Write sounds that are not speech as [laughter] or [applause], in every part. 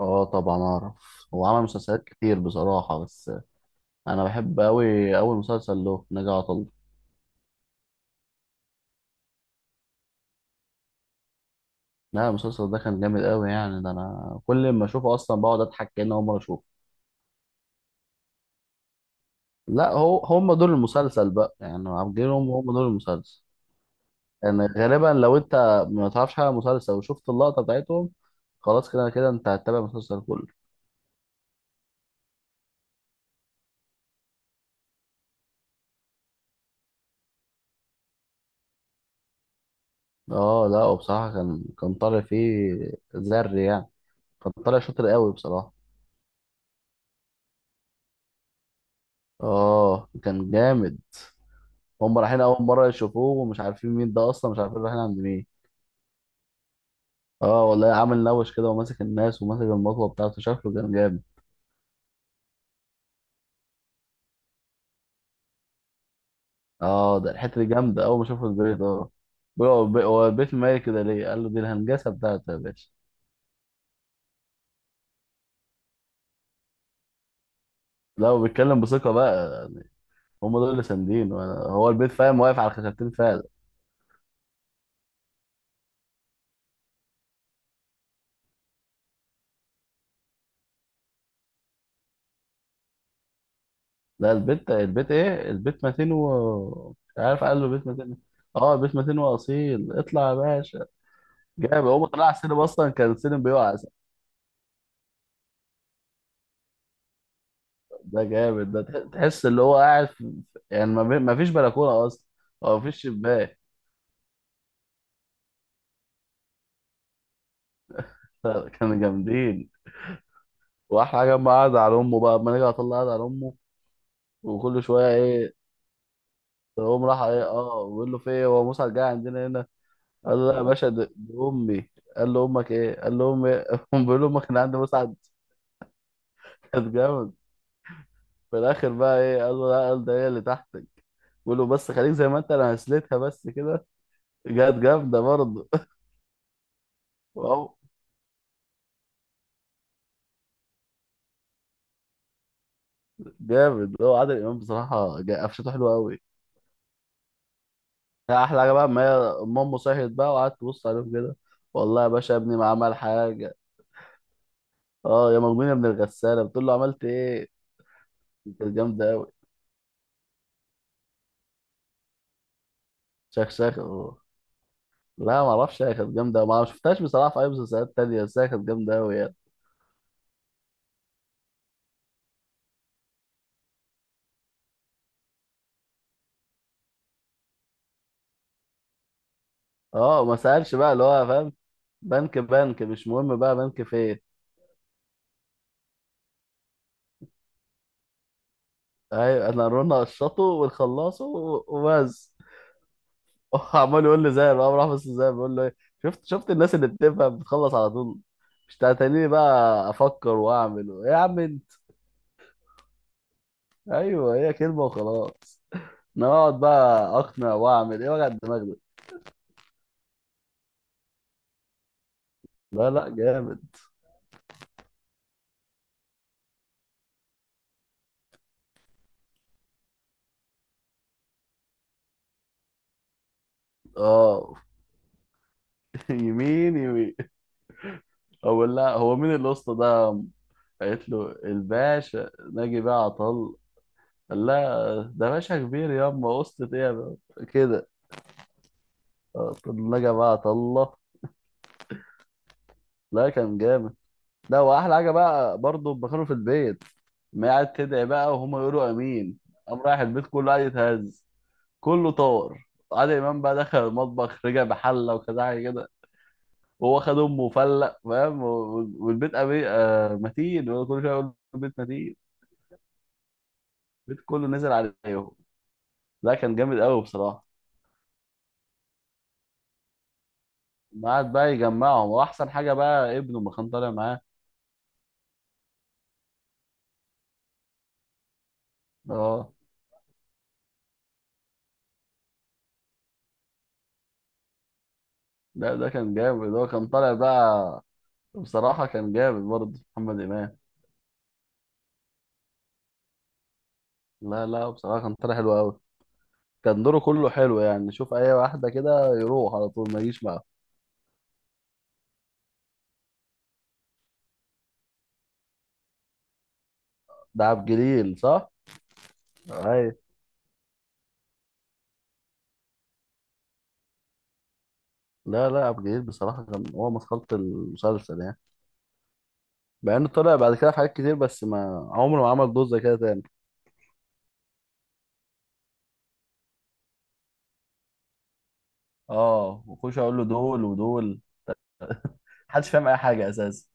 اه، طبعا اعرف. هو عمل مسلسلات كتير بصراحة، بس انا بحب اوي اول مسلسل له، نجا عطل. لا، المسلسل ده كان جامد اوي يعني، ده انا كل ما اشوفه اصلا بقعد اضحك كأني اول مرة اشوفه. لا، هو هم دول المسلسل بقى يعني. غيرهم، هم دول المسلسل. يعني غالبا لو انت ما تعرفش حاجة عن المسلسل وشفت اللقطة بتاعتهم، خلاص كده كده انت هتتابع المسلسل كله. اه لا، وبصراحة كان طالع فيه زر يعني. كان طالع شاطر اوي بصراحة. اه، كان جامد. هم رايحين اول مره يشوفوه ومش عارفين مين ده اصلا، مش عارفين رايحين عند مين. اه والله، عامل نوش كده وماسك الناس وماسك المطوه بتاعته، شكله كان جامد. اه، ده الحته دي جامده، اول ما شافوا البيت. اه، بيقول هو البيت مالي كده ليه؟ قال له دي الهنجسه بتاعته يا باشا. لا، وبيتكلم بثقه بقى يعني. هم دول اللي ساندين. هو البيت فاهم، واقف على خشبتين فعلا. لا البيت البيت ايه؟ البيت متين و مش عارف، قال له البيت متين. اه، البيت متين واصيل، اطلع يا باشا. جامد. هو طلع على السينما اصلا، كان السينما بيقع. ده جامد، تحس اللي هو قاعد في... يعني ما فيش بلكونه اصلا، او ما فيش شباك. [laughs] كانوا جامدين. واحلى حاجه اما قعد على امه بقى، اما نيجي اطلع قعد على امه وكل شويه ايه، تقوم راح ايه، اه بيقول له في ايه، هو موسى جاي عندنا هنا؟ قال له لا يا باشا، دي امي. قال له امك ايه؟ قال له امي إيه؟ [laughs] قام بيقول له امك اللي عند مسعد. كانت جامد. في الاخر بقى ايه، قال له لا، قال ده هي اللي تحتك. بيقول له بس خليك زي ما انت، انا هسلتها بس كده. جت جامده برضه. [laughs] جامد. هو عادل امام بصراحه، قفشته حلوه قوي. احلى حاجه بقى، ما هي امه صحيت بقى وقعدت تبص عليهم كده. والله يا باشا ابني ما عمل حاجه. اه، يا مجنون يا ابن الغساله، بتقول له عملت ايه؟ دي كانت جامده قوي. شخشخ أوه. لا، ما اعرفش. هي كانت جامده أوي. ما شفتهاش بصراحه في اي مسلسلات تانية، بس هي كانت جامده قوي يعني. اه، ما سالش بقى اللي هو فاهم، بنك بنك مش مهم، بقى بنك فين. ايوه، انا رونا قشطه ونخلصه وبس. [laughs] عمال يقول لي زي بقى، راح بس زي بيقول له ايه؟ شفت، شفت الناس اللي بتفهم بتخلص على طول؟ مش تتنيني بقى افكر واعمل ايه يا عم انت. ايوه، هي كلمه وخلاص. انا اقعد بقى اقنع واعمل ايه، وجع الدماغ ده. لا لا، جامد. اه. [laughs] يمين يمين. اقول لها هو مين الاسطى ده؟ قالت له الباشا ناجي بقى عطل. قال لها ده باشا كبير ياما اسطى ايه يا بابا؟ كده. آه، ناجي بقى عطله. لا، كان جامد. ده واحلى حاجه بقى برضه لما كانوا في البيت، ما قاعد تدعي بقى وهم يقولوا امين، قام رايح البيت كله قاعد يتهز. كله طار. عادل امام بقى دخل المطبخ، رجع بحله وكذا حاجه كده، وهو خد امه وفلق فاهم والبيت آه، متين. هو كل شويه يقول البيت متين. البيت كله نزل عليهم. لا، كان جامد قوي بصراحه. قعد بقى يجمعهم، واحسن حاجه بقى ابنه ما كان طالع معاه. اه، ده كان جامد. هو كان طالع بقى. بصراحه كان جامد برضه محمد امام. لا لا، بصراحة كان طالع حلو قوي. كان دوره كله حلو يعني، شوف اي واحدة كده يروح على طول ما يجيش معاه. ده عبد الجليل صح؟ اي. لا لا، عبد الجليل بصراحة كان هو مسخرة المسلسل يعني. مع انه طلع بعد كده في حاجات كتير، بس ما عمره ما عمل دور زي كده تاني. اه، وخش اقول له دول ودول. محدش فاهم اي حاجة اساسا.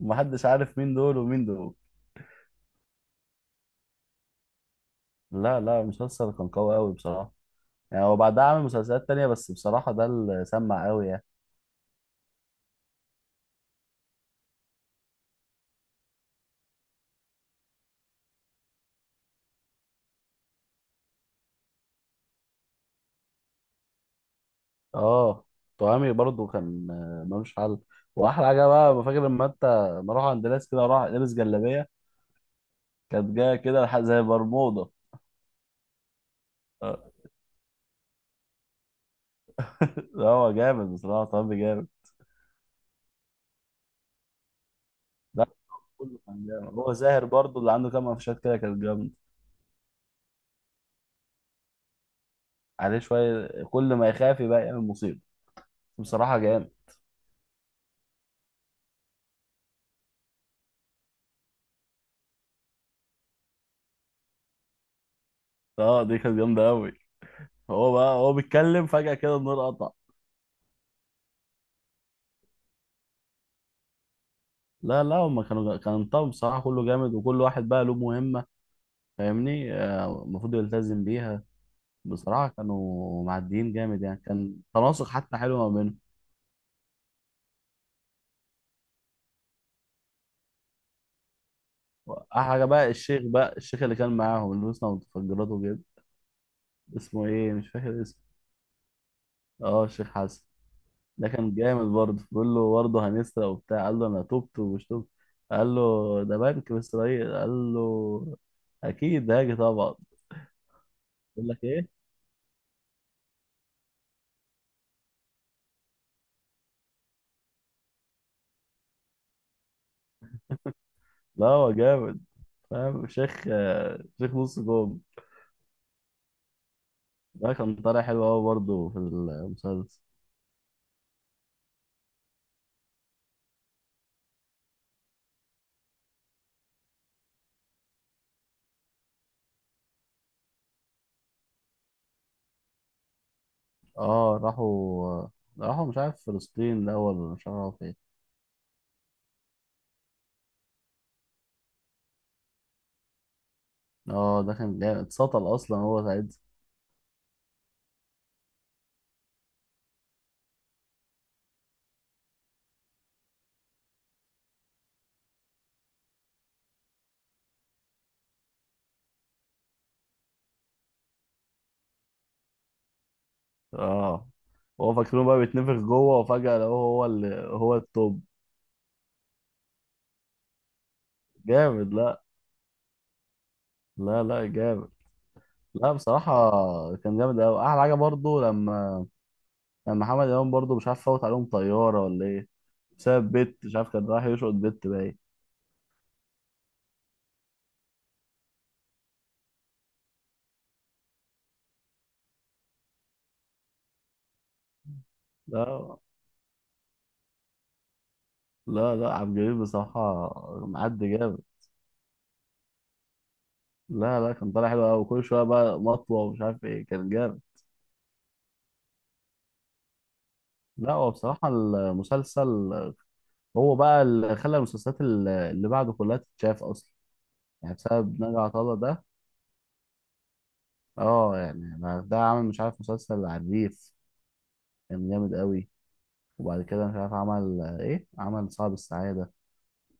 ومحدش عارف مين دول ومين دول. لا لا، المسلسل كان قوي قوي بصراحة. يعني هو بعدها عمل مسلسلات تانية، بس بصراحة ده اللي سمع قوي يعني. اه. طعامي برضو كان آه، ملوش حل. واحلى حاجه بقى، فاكر لما انت ما اروح عند ناس كده اروح لابس جلابيه؟ كانت جايه كده زي برمودا. آه. [laughs] لا، هو جامد بصراحه. طعامي جامد. لا، كله كان جامد. هو زاهر برضو اللي عنده كام قفشات كده، كانت جامد. عليه شويه، كل ما يخاف يبقى يعمل مصيبه. بصراحه جامد. اه، دي كانت جامده قوي. هو بقى، هو بيتكلم فجاه كده النور قطع. لا لا، هما كانوا، كان الطقم بصراحه كله جامد، وكل واحد بقى له مهمه. فاهمني؟ آه، المفروض يلتزم بيها. بصراحة كانوا معديين جامد يعني، كان تناسق حتى حلو ما بينهم. أحلى حاجة بقى الشيخ، بقى الشيخ اللي كان معاهم اللي لبسنا متفجرات وكده. اسمه إيه؟ مش فاكر اسمه. أه، الشيخ حسن. ده كان جامد برضه، بيقول له برضه هنسرق وبتاع، قال له أنا تبت ومش تبت. قال له ده بنك في إسرائيل. قال له أكيد هاجي طبعا. يقول لك إيه. لا، هو جامد. فاهم شيخ، آه، شيخ نص جوم. ده كان طالع حلو أوي برضه في المسلسل. اه راحوا، راحوا مش عارف فلسطين الأول ولا مش عارف راحوا فين. اه، ده كان جامد. اتسطل أصلا هو ساعتها. اه. هو فاكرينه بقى بيتنفخ جوه، وفجأة لقوه هو اللي هو التوب. جامد. لا لا لا، جامد. لا بصراحة، كان جامد أوي. أحلى حاجة برضو لما، لما محمد إمام برضو مش عارف فوت عليهم طيارة ولا إيه، بسبب بت، مش عارف كان رايح يشقط بت باين. لا لا لا، عبد الجليل بصراحة معدي جامد. لا لا، كان طالع حلو أوي. كل شوية بقى مطوة ومش عارف إيه، كان جامد. لا، هو بصراحة المسلسل، هو بقى اللي خلى المسلسلات اللي بعده كلها تتشاف أصلا. يعني بسبب نجا عطلة ده. اه يعني ده عمل مش عارف مسلسل على الريف، كان جامد قوي. وبعد كده مش عارف عمل ايه، عمل صعب السعادة.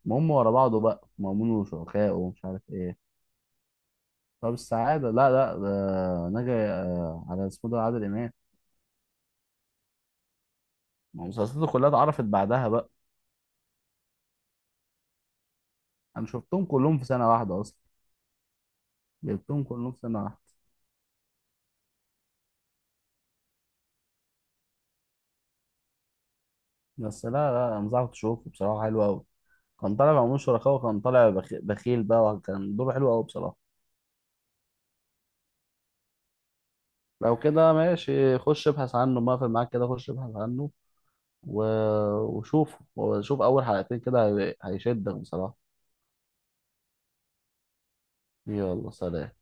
المهم ورا بعضه بقى، مأمون وشركائه ومش عارف ايه. صعب السعادة، لا لا، ده نجا. آه، على اسمه، ده عادل إمام. ما مسلسلاته كلها اتعرفت بعدها بقى. أنا شفتهم كلهم في سنة واحدة أصلا. جبتهم كلهم في سنة واحدة. بس لا لا، أنصحك تشوفه بصراحة، حلو أوي. كان طالع معمول شركاء، وكان طالع بخيل بقى، وكان دوره حلو قوي بصراحة. لو كده ماشي، خش ابحث عنه، ما في معاك كده خش ابحث عنه و... وشوف، وشوف أول حلقتين كده هيشدك بصراحة. يلا سلام.